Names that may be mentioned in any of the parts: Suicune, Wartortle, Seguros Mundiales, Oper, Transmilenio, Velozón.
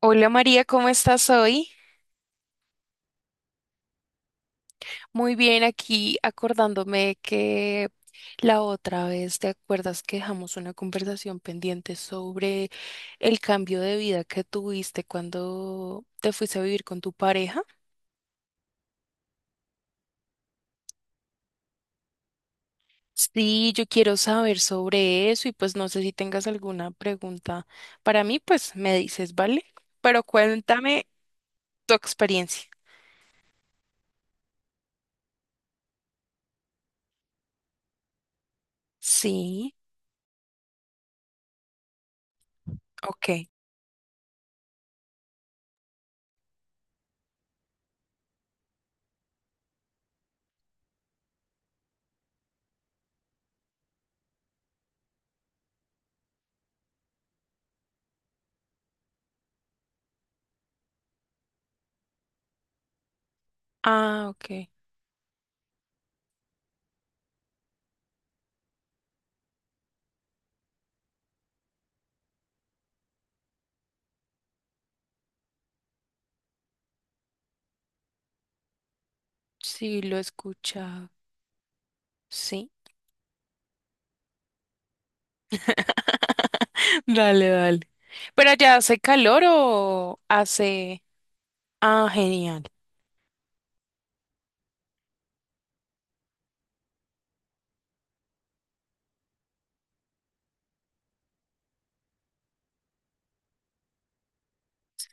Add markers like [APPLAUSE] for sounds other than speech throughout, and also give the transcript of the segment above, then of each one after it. Hola María, ¿cómo estás hoy? Muy bien, aquí acordándome que la otra vez, ¿te acuerdas que dejamos una conversación pendiente sobre el cambio de vida que tuviste cuando te fuiste a vivir con tu pareja? Sí, yo quiero saber sobre eso y pues no sé si tengas alguna pregunta para mí, pues me dices, ¿vale? Pero cuéntame tu experiencia. Sí, ok. Ah, ok. Sí, lo he escuchado. Sí. [LAUGHS] Dale, dale. ¿Pero ya hace calor o hace...? Ah, genial.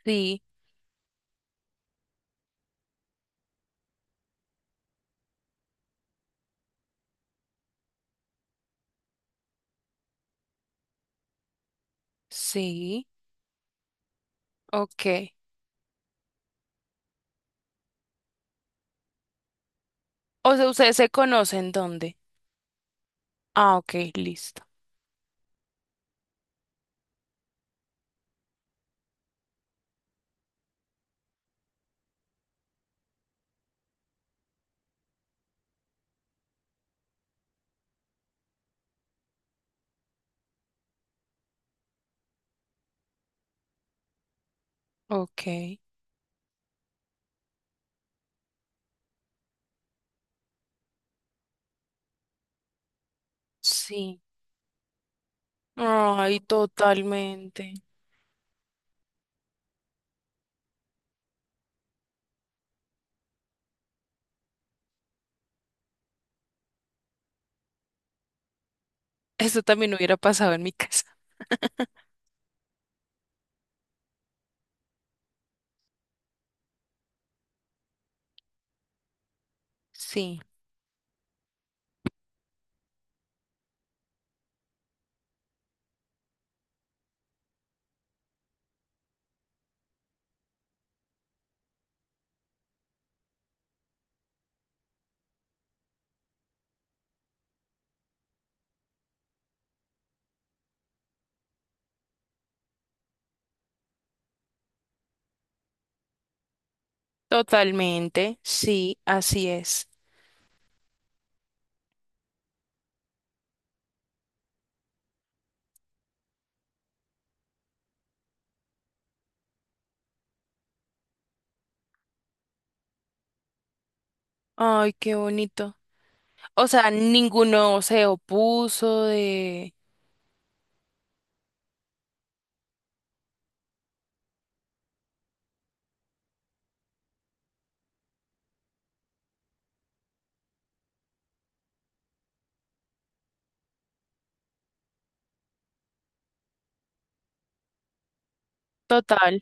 Sí, sí, ok. O sea, ¿ustedes se conocen dónde? Ah, ok, listo. Ok, sí. Ay, totalmente. Eso también hubiera pasado en mi casa. Sí, totalmente. Sí, así es. Ay, qué bonito. O sea, ninguno se opuso de... Total.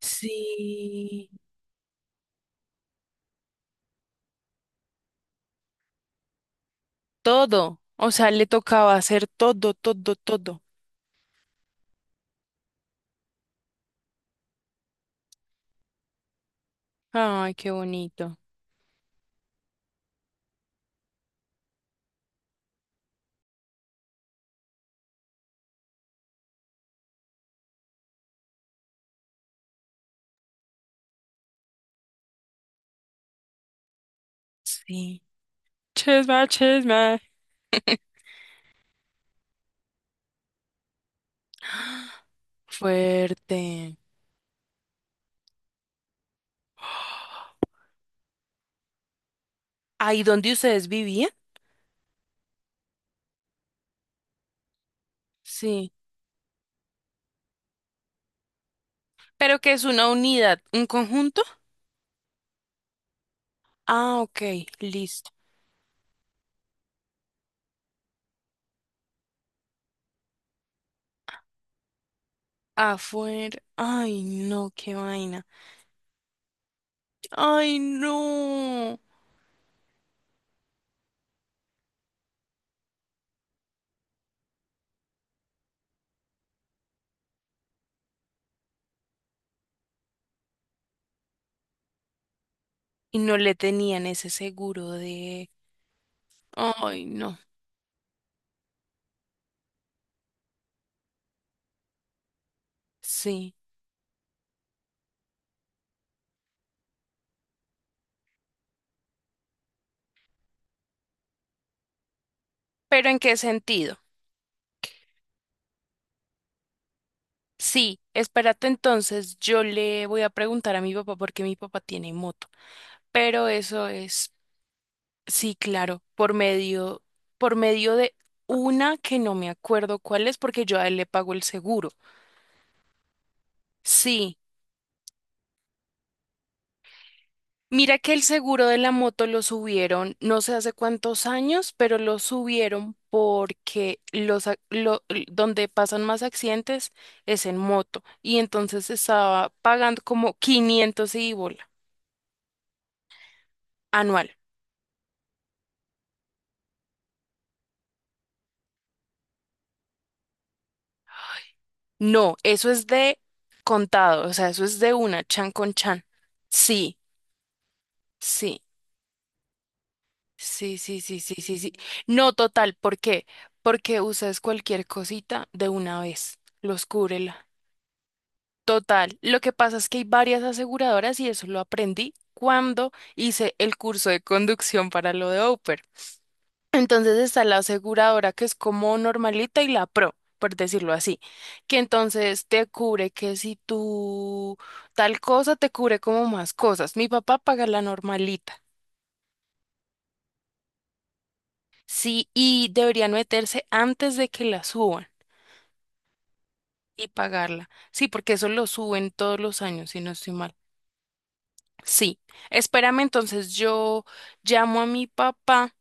Sí. Todo. O sea, le tocaba hacer todo, todo, todo. Ay, qué bonito. Sí. Chisme, chisme. Fuerte. ¿Ahí donde ustedes vivían? Sí. ¿Pero que es una unidad, un conjunto? Ah, ok, listo. Afuera. Ay, no, qué vaina. Ay, no. Y no le tenían ese seguro de... Ay, no. Sí. ¿Pero en qué sentido? Sí, espérate entonces, yo le voy a preguntar a mi papá porque mi papá tiene moto, pero eso es, sí, claro, por medio de una que no me acuerdo cuál es porque yo a él le pago el seguro. Sí, mira que el seguro de la moto lo subieron, no sé hace cuántos años, pero lo subieron porque los, ac- lo- l- donde pasan más accidentes es en moto y entonces estaba pagando como 500 y bola anual. No, eso es de contado, o sea, eso es de una, chan con chan. Sí, sí, sí, sí, sí, sí, sí, sí. No, total, ¿por qué? Porque usas cualquier cosita de una vez, los cúbrela. Total, lo que pasa es que hay varias aseguradoras y eso lo aprendí cuando hice el curso de conducción para lo de Oper. Entonces está la aseguradora que es como normalita y la pro, por decirlo así, que entonces te cubre que si tú tal cosa te cubre como más cosas. Mi papá paga la normalita, sí, y deberían meterse antes de que la suban y pagarla. Sí, porque eso lo suben todos los años, si no estoy mal. Sí, espérame, entonces yo llamo a mi papá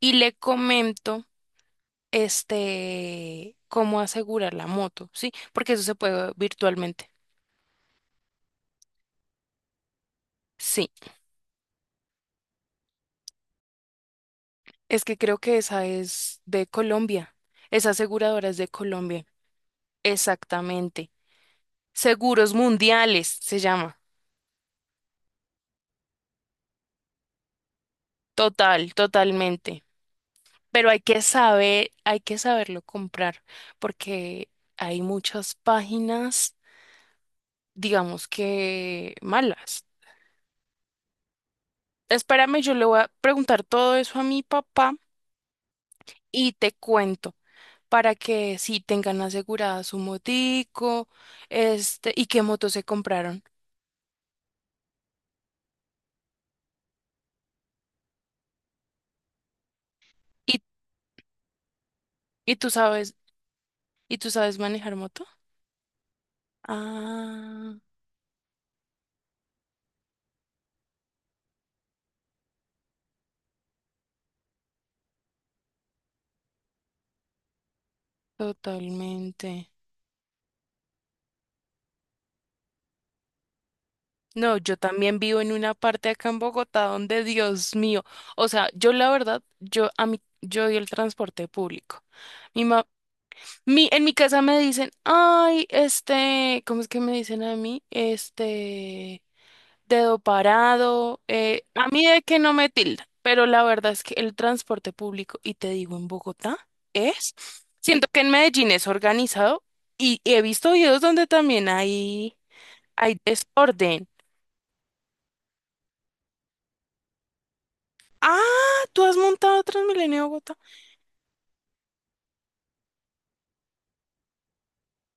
y le comento. Cómo asegurar la moto, ¿sí? Porque eso se puede virtualmente. Sí, es que creo que esa es de Colombia. Esa aseguradora es de Colombia. Exactamente. Seguros Mundiales se llama. Total, totalmente. Pero hay que saber, hay que saberlo comprar, porque hay muchas páginas, digamos que malas. Espérame, yo le voy a preguntar todo eso a mi papá y te cuento. Para que sí tengan asegurada su motico, y qué moto se compraron. ¿Y, y tú sabes, y tú sabes manejar moto? Ah, totalmente. No, yo también vivo en una parte acá en Bogotá donde, Dios mío, o sea, yo la verdad, yo a mí, yo odio el transporte público. Mi ma- en mi casa me dicen, ay, ¿cómo es que me dicen a mí? Este dedo parado. A mí de que no me tilda, pero la verdad es que el transporte público, y te digo, en Bogotá es, siento que en Medellín es organizado y he visto videos donde también hay desorden. Ah, ¿tú has montado Transmilenio en Bogotá?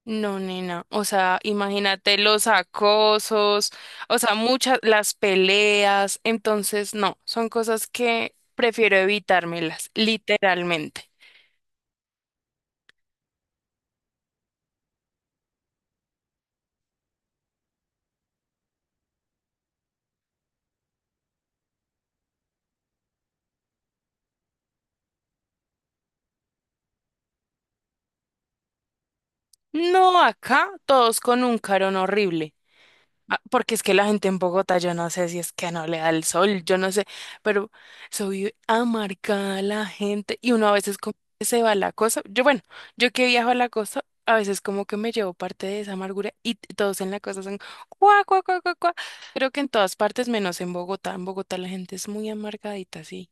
No, nena, o sea, imagínate los acosos, o sea, muchas, las peleas, entonces no, son cosas que prefiero evitármelas, literalmente. No, acá todos con un carón horrible. Ah, porque es que la gente en Bogotá, yo no sé si es que no le da el sol, yo no sé, pero soy amargada la gente y uno a veces como que se va a la cosa. Yo, bueno, yo que viajo a la costa, a veces como que me llevo parte de esa amargura y todos en la costa son cuá, cuá, cuá, cuá, cuá. Creo que en todas partes, menos en Bogotá. En Bogotá la gente es muy amargadita, sí.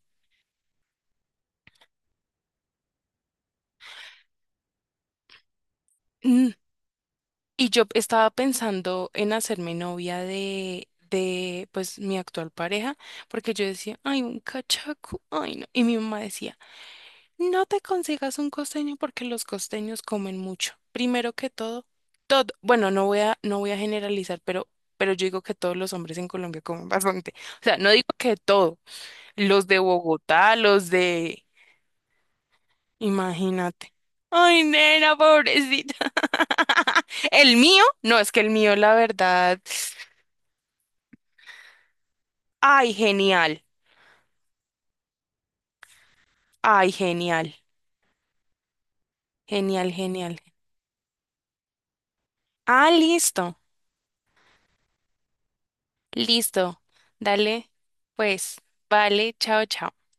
Y yo estaba pensando en hacerme novia de, pues, mi actual pareja, porque yo decía, ay, un cachaco, ay, no. Y mi mamá decía, no te consigas un costeño porque los costeños comen mucho. Primero que todo, bueno, no voy a generalizar, pero yo digo que todos los hombres en Colombia comen bastante. O sea, no digo que todo, los de Bogotá, los de Imagínate. Ay, nena, pobrecita. [LAUGHS] El mío, no, es que el mío, la verdad. Ay, genial. Ay, genial. Genial, genial. Ah, listo. Listo. Dale. Pues, vale, chao, chao.